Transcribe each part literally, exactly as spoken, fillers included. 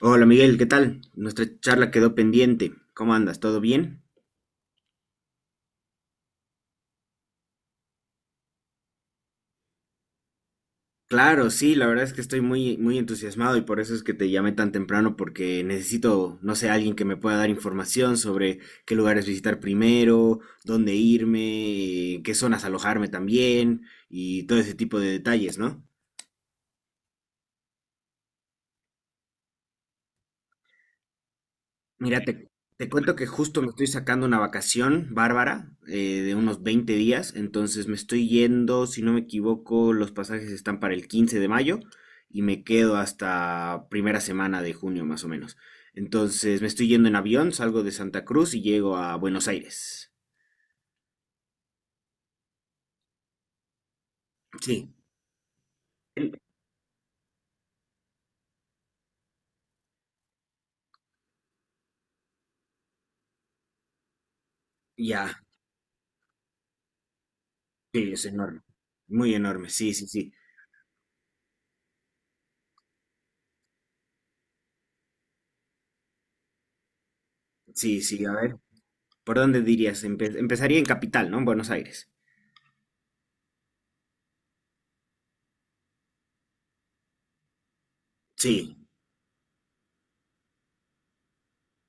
Hola Miguel, ¿qué tal? Nuestra charla quedó pendiente. ¿Cómo andas? ¿Todo bien? Claro, sí, la verdad es que estoy muy, muy entusiasmado y por eso es que te llamé tan temprano porque necesito, no sé, alguien que me pueda dar información sobre qué lugares visitar primero, dónde irme, qué zonas alojarme también y todo ese tipo de detalles, ¿no? Mira, te, te cuento que justo me estoy sacando una vacación bárbara eh, de unos veinte días. Entonces me estoy yendo, si no me equivoco, los pasajes están para el quince de mayo y me quedo hasta primera semana de junio más o menos. Entonces me estoy yendo en avión, salgo de Santa Cruz y llego a Buenos Aires. Sí, el- ya, sí, es enorme, muy enorme, sí, sí, sí, sí, sí, a ver, ¿por dónde dirías? Empe- empezaría en Capital, ¿no? En Buenos Aires. Sí.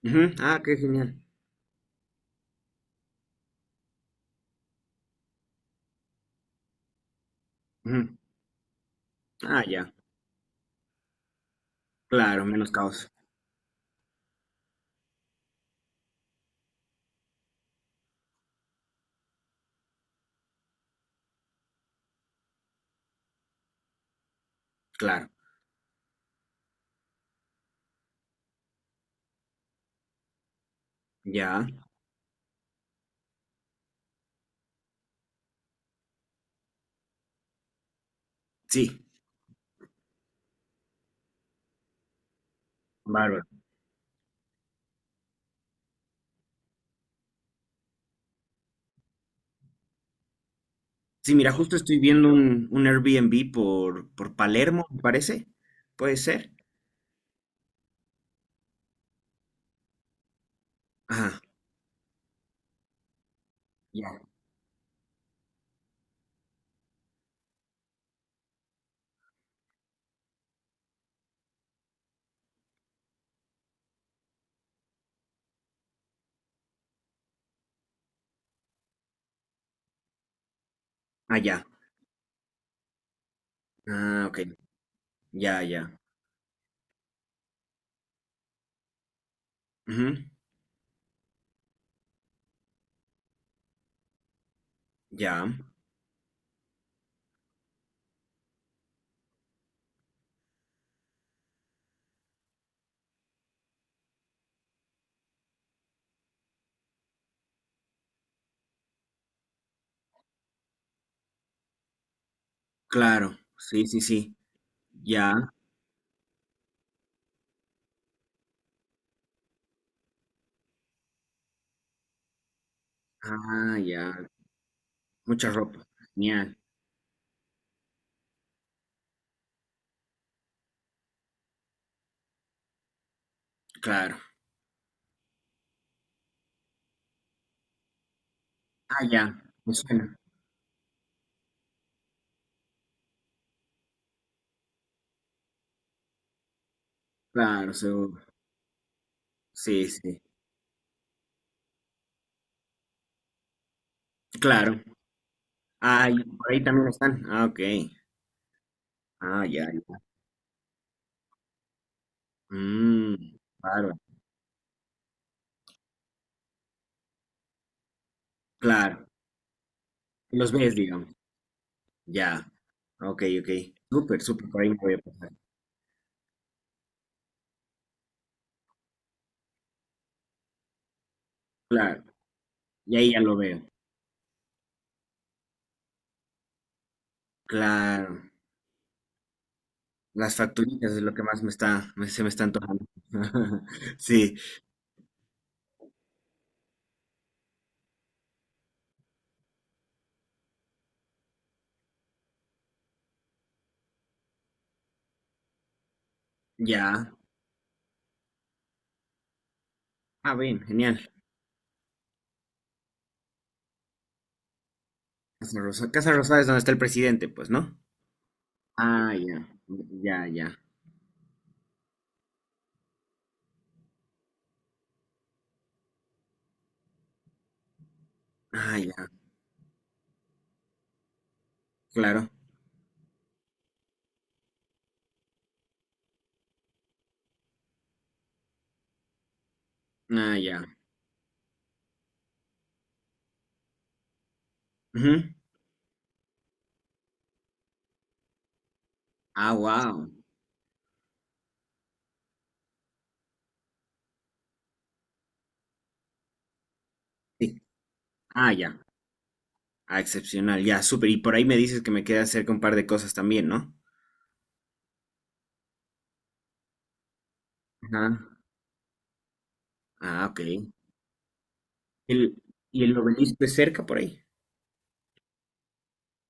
Ujú. Ah, qué genial. Ah, ya, claro, menos caos, claro, ya, sí, bárbaro. Sí, mira, justo estoy viendo un, un Airbnb por, por Palermo, me parece, puede ser. Ajá, ya, ah, ya, ah, ok, ya, ya, ujú, ya, claro, sí, sí, sí, ya, ah, ya, mucha ropa, genial, claro, ah, ya, me suena, claro, seguro, sí, sí, claro, ah, y por ahí también están, ah, ok, ah, ya, ya, mmm. Claro, los ves, digamos. Ya, ok, ok. Súper, súper, por ahí me voy a pasar. Claro, y ahí ya lo veo. Claro, las facturitas es lo que más me está, me- se me está antojando. Sí, ya. Ah, bien, genial. Casa Rosada, Casa Rosada es donde está el presidente, pues, ¿no? Ah, ya, ya, ya. Ah, ya, claro. Ah, ya. Ujú. Ah, wow. Sí. Ah, ya. Ah, excepcional, ya, súper. Y por ahí me dices que me queda cerca un par de cosas también, ¿no? Ajá. Ah, ok. El, ¿y el obelisco es cerca por ahí?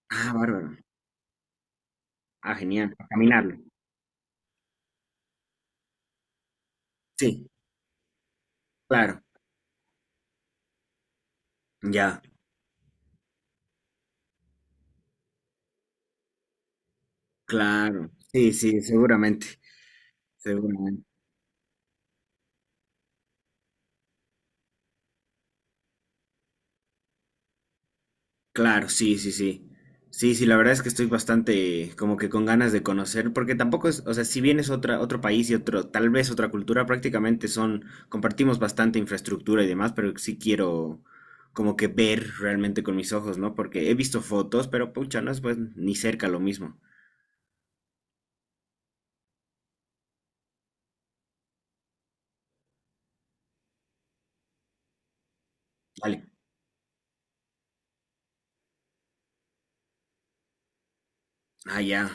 Ah, bárbaro. Ah, genial. A caminarlo. Sí, claro. Ya, claro. Sí, sí, seguramente. Seguramente. Claro, sí, sí, sí. Sí, sí, la verdad es que estoy bastante como que con ganas de conocer, porque tampoco es, o sea, si bien es otra, otro país y otro, tal vez otra cultura, prácticamente son, compartimos bastante infraestructura y demás, pero sí quiero como que ver realmente con mis ojos, ¿no? Porque he visto fotos, pero pucha, no es pues ni cerca lo mismo. Vale. Ah, ya.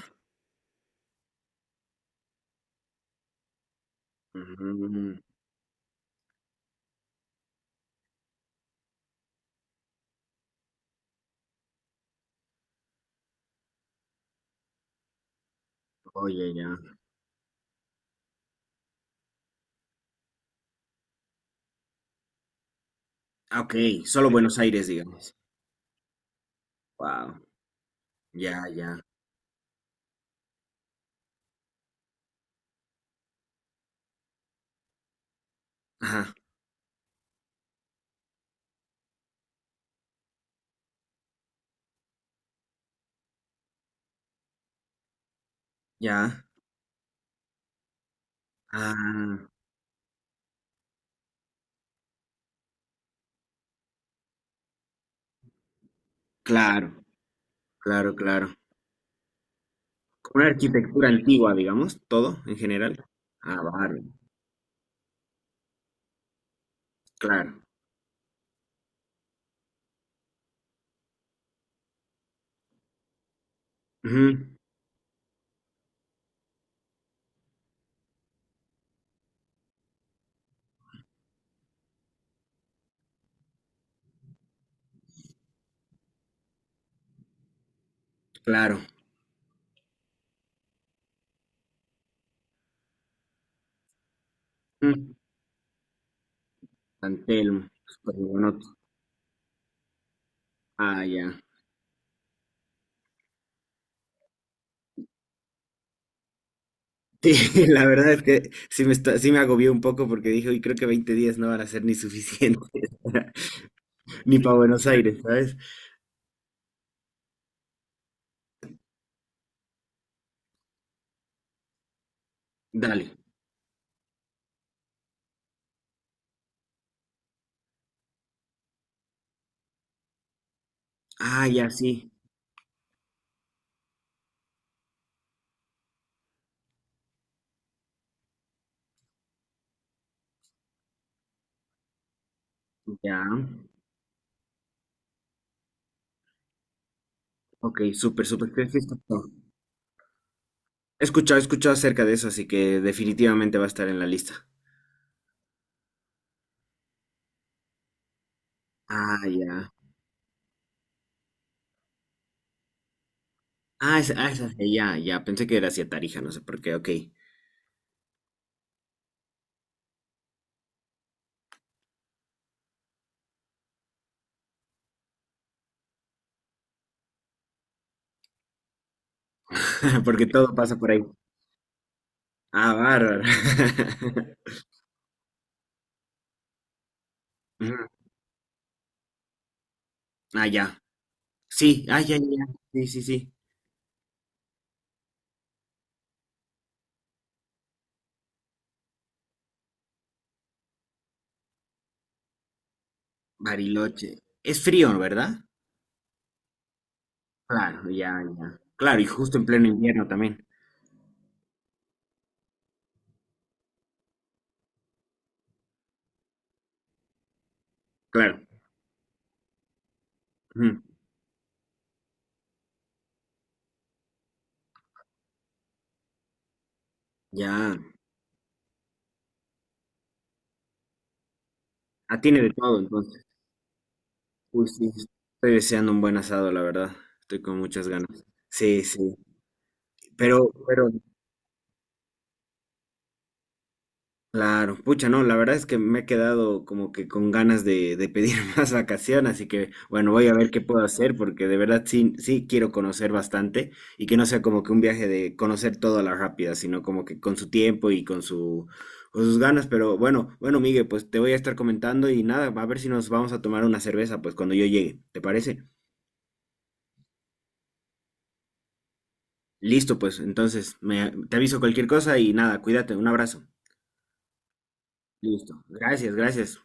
Mm, oye, ya. Ah, ok, solo Buenos Aires, digamos. Wow, ya, ya. Ajá, ya. Ah, claro, claro, claro. Como una arquitectura antigua, digamos, todo en general. Ah, bárbaro, claro. Ujú, claro. Ujú. San Telmo, súper buenote. Ah, ya. Sí, la verdad es que sí me, está- sí me agobió un poco porque dije, uy, creo que veinte días no van a ser ni suficientes, ni para Buenos Aires, ¿sabes? Dale. Ah, ya sí. Ya. Ok, súper, súper. Creo que he escuchado, he escuchado he escuchado acerca de eso, así que definitivamente va a estar en la lista. Ah, ya. Ah, es, ah, es hacia allá, ya. Pensé que era hacia Tarija, no sé por qué, ok. Porque todo pasa por ahí. Ah, bárbaro. Ujú, ah, ya. Sí, ah, ya, ya, ya, sí, sí, sí. Bariloche. Es frío, ¿verdad? Claro, ya, ya. Claro, y justo en pleno invierno también. Claro. Ujú. Ya. Ah, tiene de todo, entonces. Uy, sí, estoy deseando un buen asado, la verdad. Estoy con muchas ganas. Sí, sí. Pero, pero, claro, pucha, no, la verdad es que me he quedado como que con ganas de, de pedir más vacaciones, así que, bueno, voy a ver qué puedo hacer, porque de verdad sí, sí quiero conocer bastante y que no sea como que un viaje de conocer todo a la rápida, sino como que con su tiempo y con su, con sus ganas. Pero bueno, bueno, Miguel, pues te voy a estar comentando y nada, a ver si nos vamos a tomar una cerveza, pues cuando yo llegue, ¿te parece? Listo, pues, entonces, me, te aviso cualquier cosa y nada, cuídate, un abrazo. Listo. Gracias, gracias.